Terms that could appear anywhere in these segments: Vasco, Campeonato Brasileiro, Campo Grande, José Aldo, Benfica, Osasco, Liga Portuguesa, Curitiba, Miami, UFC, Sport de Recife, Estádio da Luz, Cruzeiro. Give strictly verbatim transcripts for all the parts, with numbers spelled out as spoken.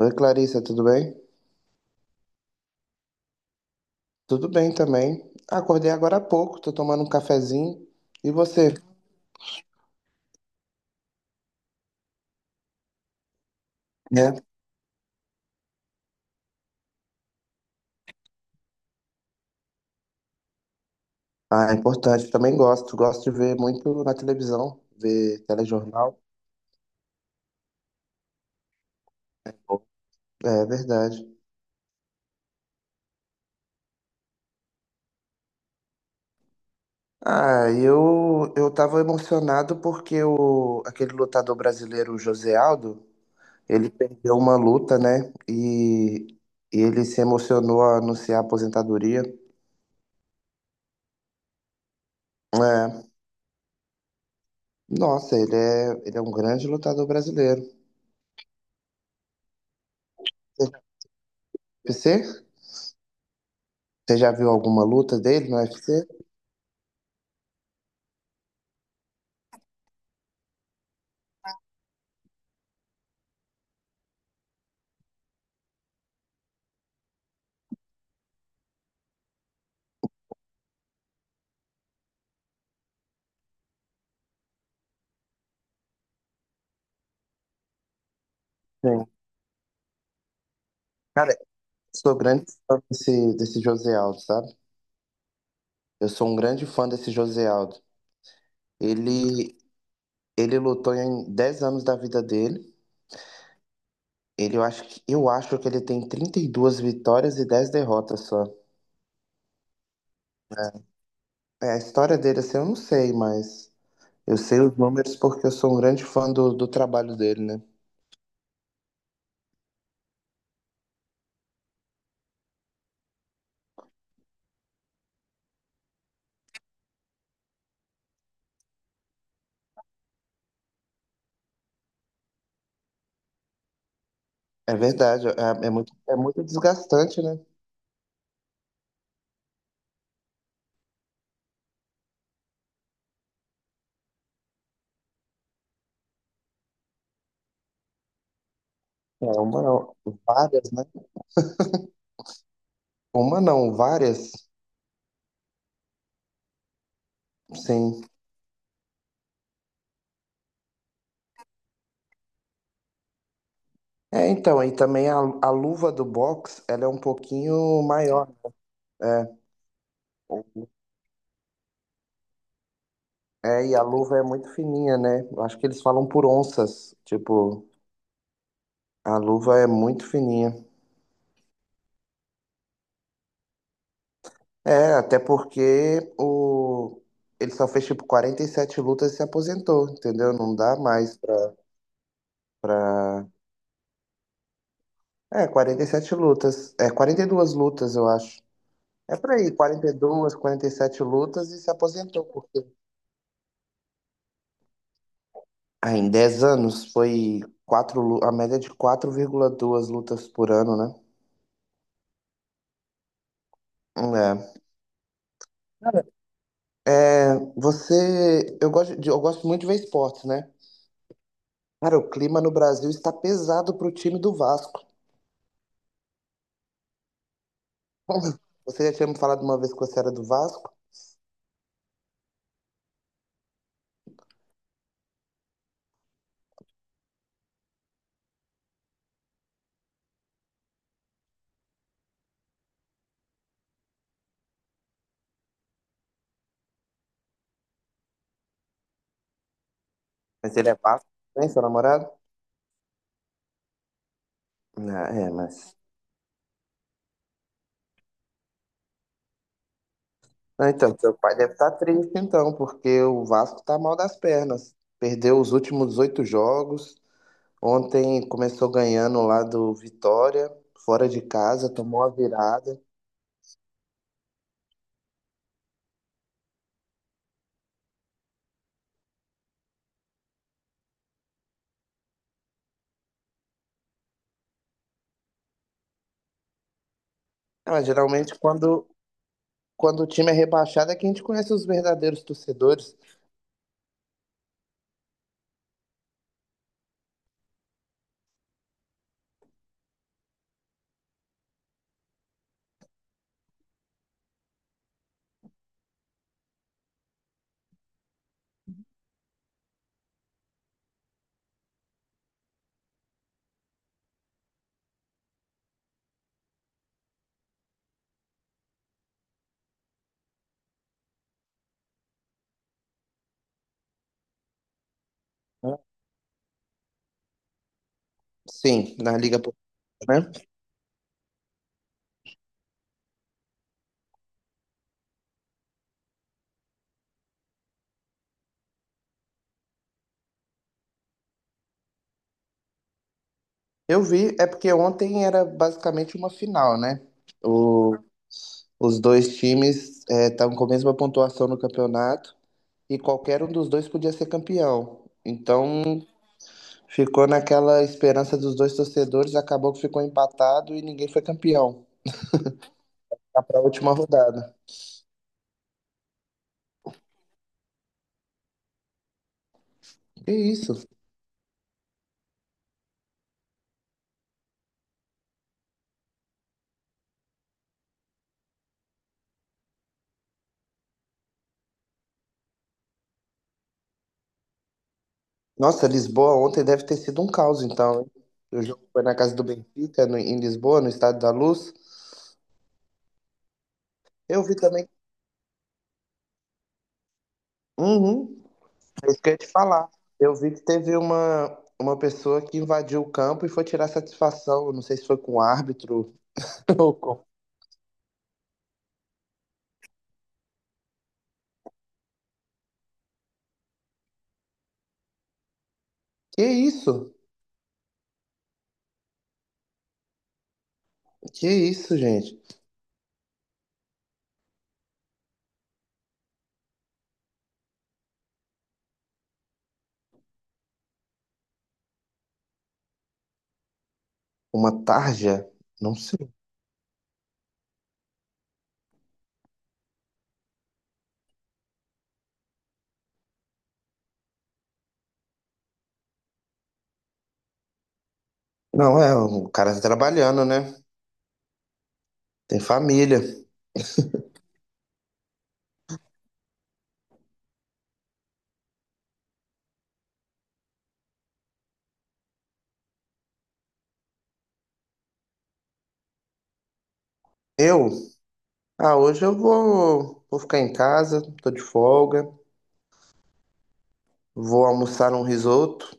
Oi, Clarissa, tudo bem? Tudo bem também. Acordei agora há pouco, tô tomando um cafezinho. E você? É. Ah, é importante. Também gosto. Gosto de ver muito na televisão, ver telejornal. É verdade. Ah, eu eu tava emocionado porque o, aquele lutador brasileiro, o José Aldo, ele perdeu uma luta, né? E, e ele se emocionou a anunciar a aposentadoria. É, nossa, ele é, ele é um grande lutador brasileiro. Você? Você já viu alguma luta dele no U F C? Sim. Cara, sou grande fã desse, desse José Aldo, sabe? Eu sou um grande fã desse José Aldo. Ele, ele lutou em dez anos da vida dele. Ele, eu acho que, eu acho que ele tem trinta e duas vitórias e dez derrotas só. É, a história dele, assim, eu não sei, mas eu sei os números porque eu sou um grande fã do, do trabalho dele, né? É verdade, é, é muito, é muito desgastante, né? É, uma não, várias, né? Uma não, várias, sim. É, então, e também a, a luva do box, ela é um pouquinho maior. É, é, e a luva é muito fininha, né? Eu acho que eles falam por onças. Tipo, a luva é muito fininha. É, até porque o... ele só fez tipo quarenta e sete lutas e se aposentou, entendeu? Não dá mais pra, pra... É, quarenta e sete lutas. É, quarenta e duas lutas, eu acho. É por aí, quarenta e dois, sete lutas e se aposentou. Ah, em dez anos foi quatro, lu- a média é de quatro vírgula duas lutas por ano, né? É. Cara, é, você. Eu gosto, de- eu gosto muito de ver esportes, né? Cara, o clima no Brasil está pesado pro time do Vasco. Você já tinha me falado uma vez que você era do Vasco? Mas ele é Vasco, né, seu namorado? Não, é, mas. Não, então, seu pai deve estar triste, então, porque o Vasco tá mal das pernas. Perdeu os últimos oito jogos. Ontem começou ganhando lá do Vitória, fora de casa, tomou a virada. Ah, mas geralmente quando, quando o time é rebaixado é que a gente conhece os verdadeiros torcedores. Né? Sim, na Liga Portuguesa, né? Eu vi, é porque ontem era basicamente uma final, né? O, os dois times estavam com a mesma pontuação no campeonato e qualquer um dos dois podia ser campeão. Então ficou naquela esperança dos dois torcedores, acabou que ficou empatado e ninguém foi campeão. Tá pra última rodada. Que isso? Nossa, Lisboa ontem deve ter sido um caos, então, hein? O jogo foi na casa do Benfica, no- em Lisboa, no Estádio da Luz. Eu vi também. Uhum, é isso que eu ia te falar. Eu vi que teve uma, uma pessoa que invadiu o campo e foi tirar satisfação. Eu não sei se foi com o árbitro ou com. Que isso? Que isso, gente? Uma tarja? Não sei. Não, é, o cara tá trabalhando, né? Tem família. Eu Ah, hoje eu vou, vou ficar em casa, tô de folga, vou almoçar um risoto,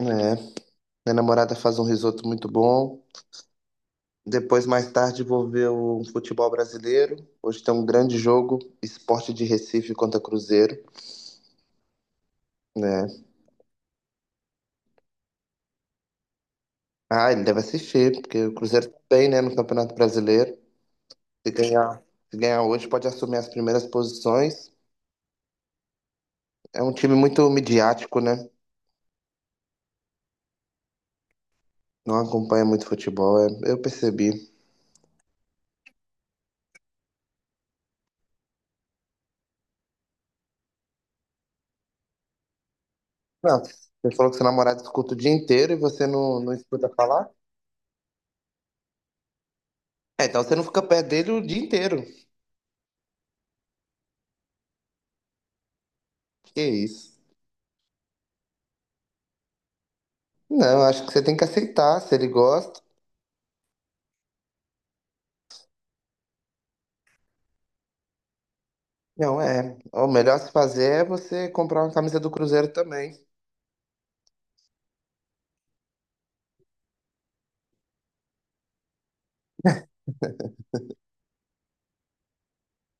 né? Minha namorada faz um risoto muito bom. Depois, mais tarde, vou ver o futebol brasileiro. Hoje tem um grande jogo, Sport de Recife contra Cruzeiro, né? Ah, ele deve assistir, porque o Cruzeiro tá bem, né, no Campeonato Brasileiro. Se ganhar, se ganhar hoje, pode assumir as primeiras posições. É um time muito midiático, né? Não acompanha muito futebol, é- eu percebi. Não, você falou que seu namorado escuta o dia inteiro e você não, não escuta falar? É, então você não fica perto dele o dia inteiro. Que isso? Não, acho que você tem que aceitar, se ele gosta. Não, é. O melhor a se fazer é você comprar uma camisa do Cruzeiro também.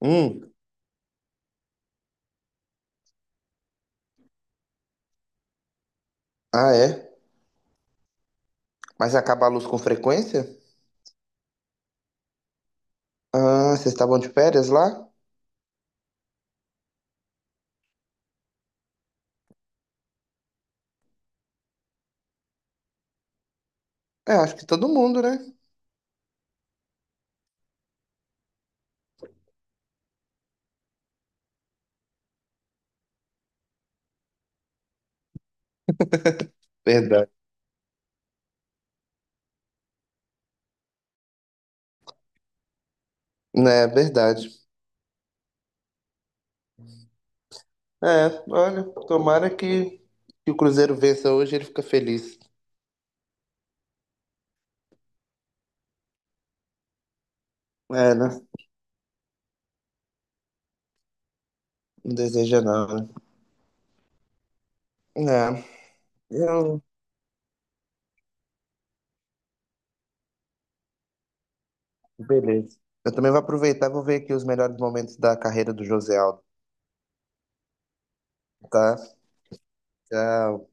Hum, ah, é? Mas acaba a luz com frequência? Ah, vocês estavam de férias lá? É, acho que todo mundo, né? Verdade. É, verdade. É, olha, tomara que, que o Cruzeiro vença hoje e ele fica feliz. É, né? Não deseja não, né? É, Eu, beleza. Eu também vou aproveitar e vou ver aqui os melhores momentos da carreira do José Aldo, tá? Tchau.